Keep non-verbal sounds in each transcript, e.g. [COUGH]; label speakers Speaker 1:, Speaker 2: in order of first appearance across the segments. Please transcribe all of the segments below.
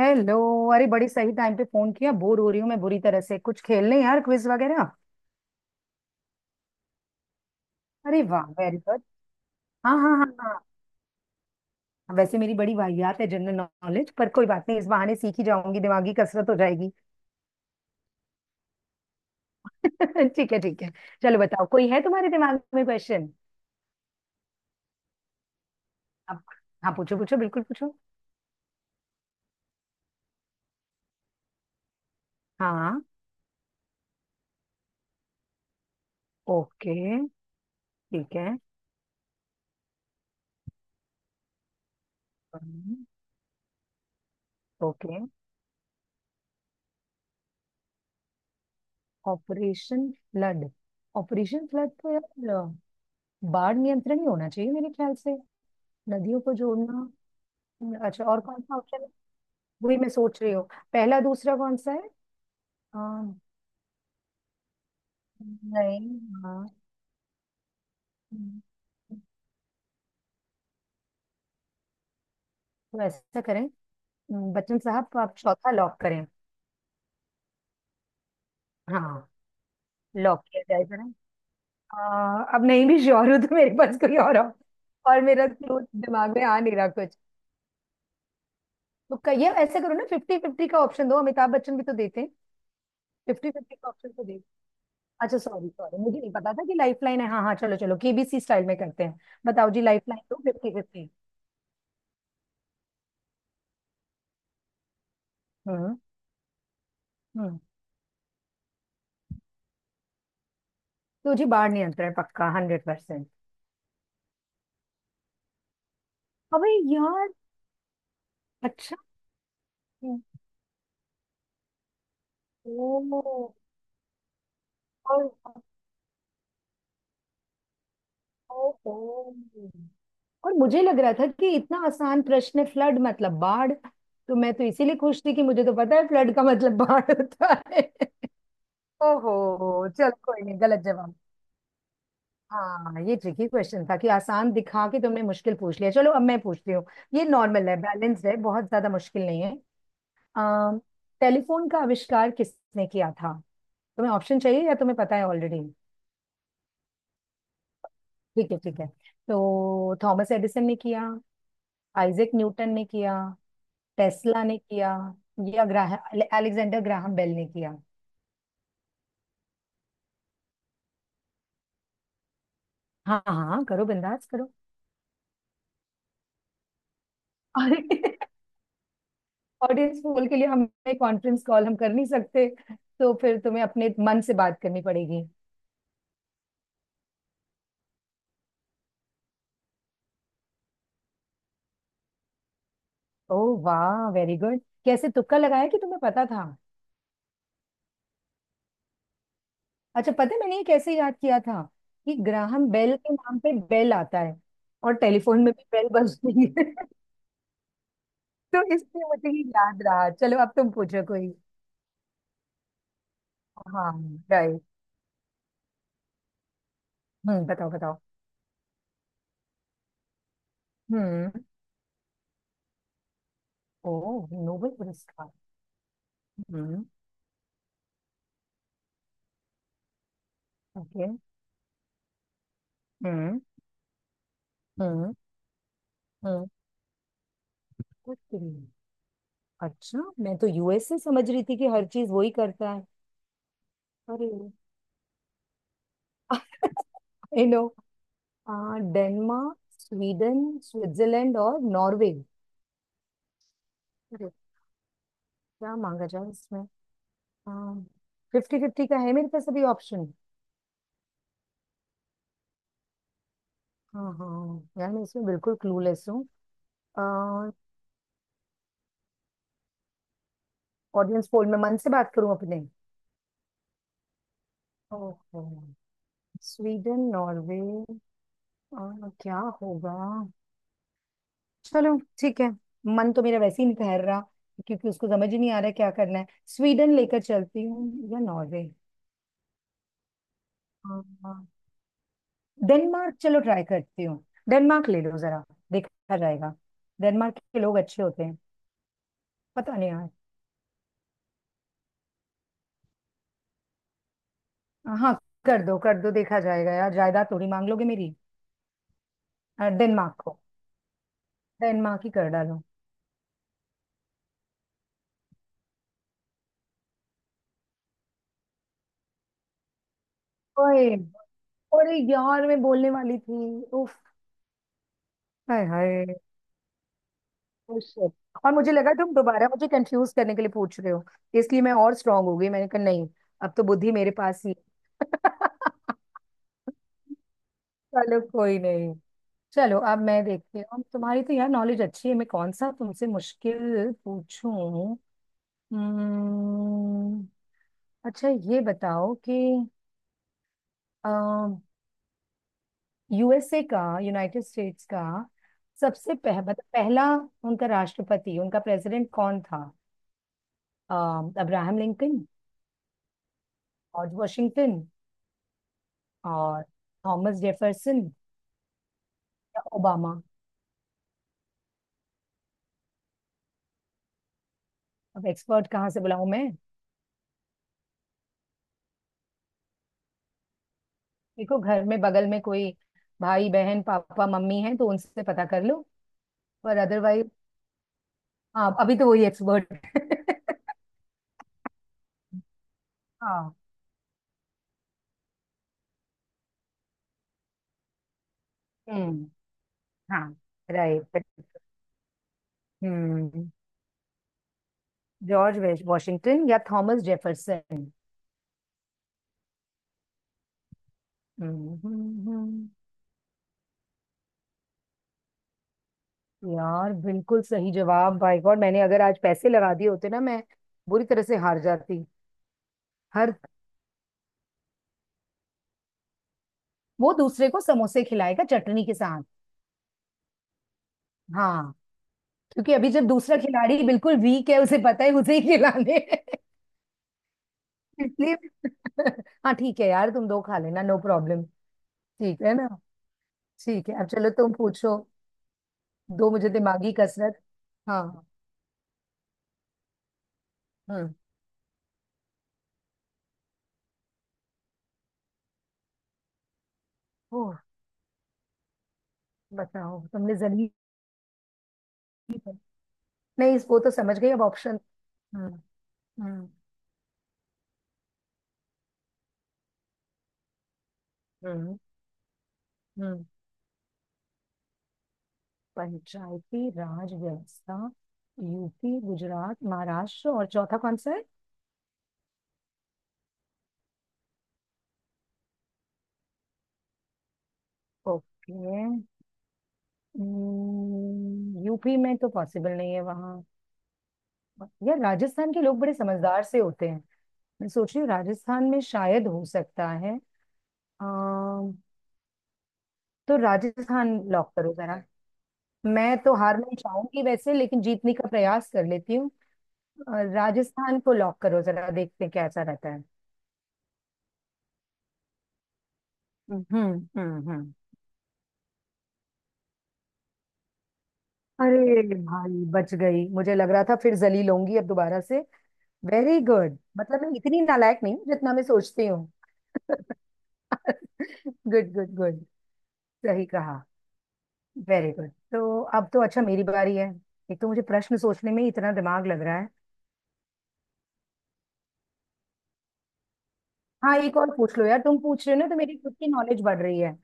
Speaker 1: Hello. अरे बड़ी सही टाइम पे फोन किया, बोर हो रही हूँ मैं बुरी तरह से। कुछ खेल लें यार, क्विज वगैरह। अरे वाह, वेरी गुड। हाँ हाँ हाँ। हाँ, वैसे मेरी बड़ी वाहियात है जनरल नॉलेज। पर कोई बात नहीं, इस बहाने सीख ही जाऊंगी, दिमागी कसरत हो जाएगी। [LAUGHS] ठीक है ठीक है। चलो बताओ, कोई है तुम्हारे दिमाग में क्वेश्चन? अब। हाँ पूछो पूछो, बिल्कुल पूछो। हाँ ओके। ठीक है। हम्म, okay. Operation flood. Operation flood तो यार बाढ़ नियंत्रण ही होना चाहिए मेरे ख्याल से। नदियों को जोड़ना। अच्छा, और कौन सा ऑप्शन है? वही मैं सोच रही हूँ। पहला दूसरा कौन सा है? अम, नहीं। हाँ। तो ऐसा करें, बच्चन साहब, तो आप चौथा लॉक करें। हाँ, लॉक किया जाए जरा। अ, अब नहीं भी श्योर हूँ तो मेरे पास कोई और और मेरा क्लू दिमाग में आ नहीं रहा कुछ। तो कहिए, ऐसे करो ना, फिफ्टी फिफ्टी का ऑप्शन दो, अमिताभ बच्चन भी तो देते हैं। फिफ्टी फिफ्टी का ऑप्शन तो दे। अच्छा सॉरी सॉरी, मुझे नहीं पता था कि लाइफ लाइन है। हाँ हाँ, चलो चलो, केबीसी स्टाइल में करते हैं। बताओ जी, लाइफ लाइन दो फिफ्टी फिफ्टी। हम्म हम्म। तुझे बाहर नहीं, अंतर है पक्का 100%। अबे। यार। अच्छा। ओ। और। ओ, ओ। और मुझे लग रहा था कि इतना आसान प्रश्न है, फ्लड मतलब बाढ़। तो मैं तो इसीलिए खुश थी कि मुझे तो पता है फ्लड का मतलब बाढ़ होता है। ओहो चल, कोई नहीं गलत जवाब। हाँ, ये ट्रिकी क्वेश्चन था कि आसान दिखा के तुमने मुश्किल पूछ लिया। चलो अब मैं पूछती हूँ। ये नॉर्मल है, बैलेंस है, बहुत ज्यादा मुश्किल नहीं है। अम, टेलीफोन का आविष्कार किसने किया था? तुम्हें ऑप्शन चाहिए या तुम्हें पता है ऑलरेडी? ठीक है ठीक है। तो थॉमस एडिसन ने किया। आइजैक न्यूटन ने किया। टेस्ला ने किया। या ग्राहम अलेक्जेंडर ग्राहम बेल ने किया। हाँ हाँ हाँ, करो बिंदास करो। [LAUGHS] अरे। ऑडियंस पोल के लिए हमें कॉन्फ्रेंस कॉल हम कर नहीं सकते। तो फिर तुम्हें अपने मन से बात करनी पड़ेगी। ओह वाह, वेरी गुड। कैसे तुक्का लगाया कि तुम्हें पता था? अच्छा, पता है मैंने ये कैसे याद किया था? कि ग्राहम बेल के नाम पे बेल आता है और टेलीफोन में भी बेल बजती है। [LAUGHS] तो इसलिए मुझे ये याद रहा। चलो अब तुम पूछो कोई। हाँ। राइट। हम्म, बताओ बताओ। हम्म। ओ। नोबेल पुरस्कार। हम्म, ओके। हम्म हम्म हम्म। कुछ भी नहीं। अच्छा, मैं तो यूएस से समझ रही थी कि हर चीज वही करता है। अरे। [LAUGHS] आई नो। डेनमार्क, स्वीडन, स्विट्जरलैंड और नॉर्वे। क्या मांगा जाए इसमें? हाँ। फिफ्टी फिफ्टी का है मेरे पास अभी ऑप्शन। हाँ हाँ, यार मैं इसमें बिल्कुल क्लूलेस हूँ। ऑडियंस पोल में मन से बात करूँ अपने? ओहो। Sweden, Norway. क्या होगा। चलो ठीक है। मन तो मेरा वैसे ही नहीं ठहर रहा क्योंकि उसको समझ ही नहीं आ रहा क्या करना है। स्वीडन लेकर चलती हूँ या नॉर्वे? हाँ, हाँ। डेनमार्क, चलो ट्राई करती हूँ। डेनमार्क ले लो जरा, देखा जाएगा। डेनमार्क के लोग अच्छे होते हैं। पता नहीं। हाँ हाँ, कर दो कर दो, देखा जाएगा यार, जायदाद थोड़ी मांग लोगे मेरी। डेनमार्क को, डेनमार्क ही कर डालो। ओए। अरे यार, मैं बोलने वाली थी उफ। हाय हाय। Oh shit. और मुझे लगा तुम दोबारा मुझे कंफ्यूज करने के लिए पूछ रहे हो, इसलिए मैं और स्ट्रांग हो गई, मैंने कहा नहीं। अब तो बुद्धि मेरे पास ही है। [LAUGHS] चलो, कोई नहीं। चलो अब मैं देखती हूँ, तुम्हारी तो यार नॉलेज अच्छी है, मैं कौन सा तुमसे मुश्किल पूछूं? हम्म, अच्छा ये बताओ कि यूएसए का, यूनाइटेड स्टेट्स का सबसे पहला उनका राष्ट्रपति, उनका प्रेसिडेंट कौन था? अ, अब्राहम लिंकन, जॉर्ज वॉशिंगटन और थॉमस जेफरसन, या ओबामा? अब एक्सपर्ट कहाँ से बुलाऊं मैं? देखो घर में, बगल में कोई भाई बहन पापा मम्मी है तो उनसे पता कर लो। पर अदरवाइज। हाँ, अभी तो वही एक्सपर्ट। [LAUGHS] हाँ। हम्म। हाँ। राइट। हम्म। जॉर्ज वॉशिंगटन या थॉमस जेफरसन? हम्म। यार बिल्कुल सही जवाब भाई, गॉड, मैंने अगर आज पैसे लगा दिए होते ना, मैं बुरी तरह से हार जाती। हर। वो दूसरे को समोसे खिलाएगा चटनी के साथ। हाँ, क्योंकि अभी जब दूसरा खिलाड़ी बिल्कुल वीक है, उसे पता है उसे ही खिलाने हैं। [LAUGHS] इसलिए। हाँ ठीक है यार, तुम दो खा लेना, नो प्रॉब्लम। ठीक है ना? ठीक है, अब चलो तुम पूछो। दो मुझे दिमागी कसरत। हाँ। हम्म। ओह। बताओ तुमने जल्दी। नहीं, वो तो समझ गई, अब ऑप्शन। हम्म हम्म हम्म हम्म। पंचायती राज व्यवस्था। यूपी, गुजरात, महाराष्ट्र और चौथा कौन सा है? ओके। यूपी में तो पॉसिबल नहीं है वहाँ। यार राजस्थान के लोग बड़े समझदार से होते हैं। मैं सोच रही हूँ राजस्थान में शायद हो सकता है। अम, तो राजस्थान लॉक करो जरा। मैं तो हार नहीं चाहूंगी वैसे, लेकिन जीतने का प्रयास कर लेती। और राजस्थान को लॉक करो जरा, देखते हैं कैसा रहता है। हम्म। हम्म। अरे भाई बच गई, मुझे लग रहा था फिर जलील होंगी अब दोबारा से। वेरी गुड, मतलब मैं इतनी नालायक नहीं हूँ, जितना मैं सोचती हूँ। Good good good. सही कहा। वेरी गुड, तो अब तो अच्छा, मेरी बारी है। एक तो मुझे प्रश्न सोचने में ही इतना दिमाग लग रहा है। हाँ, एक और पूछ लो यार, तुम पूछ रहे हो ना तो मेरी खुद की नॉलेज बढ़ रही है।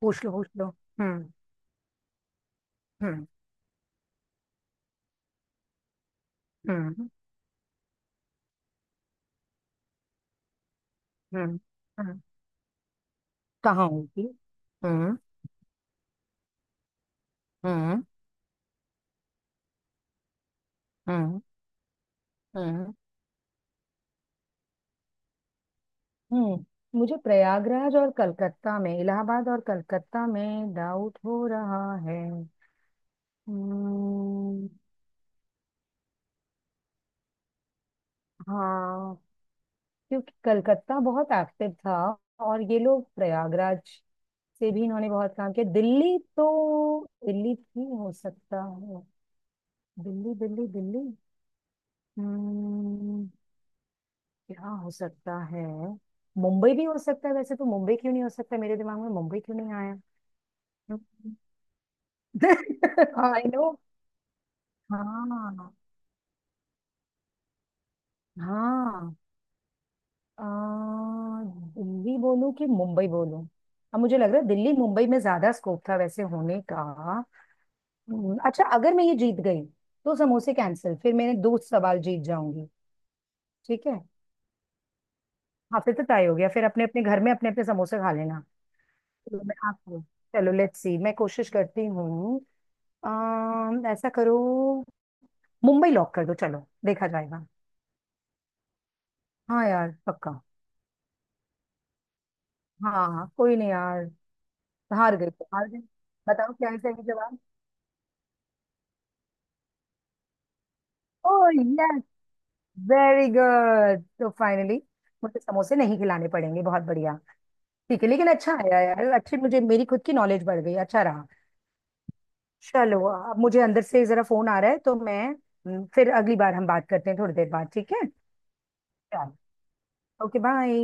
Speaker 1: पूछ लो पूछ लो, हम्म। हम्म हम्म हम्म हम्म कहाँ होगी? हम्म हम्म हम्म हम्म हम्म। मुझे प्रयागराज और कलकत्ता में, इलाहाबाद और कलकत्ता में डाउट हो रहा है। हम्म। हाँ। क्योंकि कलकत्ता बहुत एक्टिव था और ये लोग प्रयागराज से भी इन्होंने बहुत काम किया। दिल्ली तो दिल्ली भी हो सकता है। दिल्ली दिल्ली दिल्ली। हम्म। क्या हो सकता है? मुंबई भी हो सकता है वैसे, तो मुंबई क्यों नहीं हो सकता, मेरे दिमाग में मुंबई क्यों नहीं? I know. [LAUGHS] हाँ। हाँ। आ, दिल्ली बोलूं कि मुंबई बोलूं? अब मुझे लग रहा है दिल्ली, मुंबई में ज्यादा स्कोप था वैसे होने का। अच्छा अगर मैं ये जीत गई तो समोसे कैंसिल, फिर मैंने दो सवाल जीत जाऊंगी। ठीक है। हाँ, फिर तो तय हो गया, फिर अपने अपने घर में अपने अपने समोसे खा लेना। तो मैं आपको चलो लेट्स सी, मैं कोशिश करती हूँ। ऐसा करो, मुंबई लॉक कर दो, चलो देखा जाएगा। हाँ यार पक्का। हाँ हाँ, कोई नहीं यार। हार गई तो हार गई। बताओ क्या है सही जवाब? Oh yes. वेरी गुड, तो फाइनली मुझे समोसे नहीं खिलाने पड़ेंगे, बहुत बढ़िया। ठीक है लेकिन अच्छा आया यार, अच्छी, मुझे मेरी खुद की नॉलेज बढ़ गई, अच्छा रहा। चलो अब मुझे अंदर से जरा फोन आ रहा है तो मैं फिर अगली बार हम बात करते हैं थोड़ी देर बाद, ठीक है? चलो। Okay bye.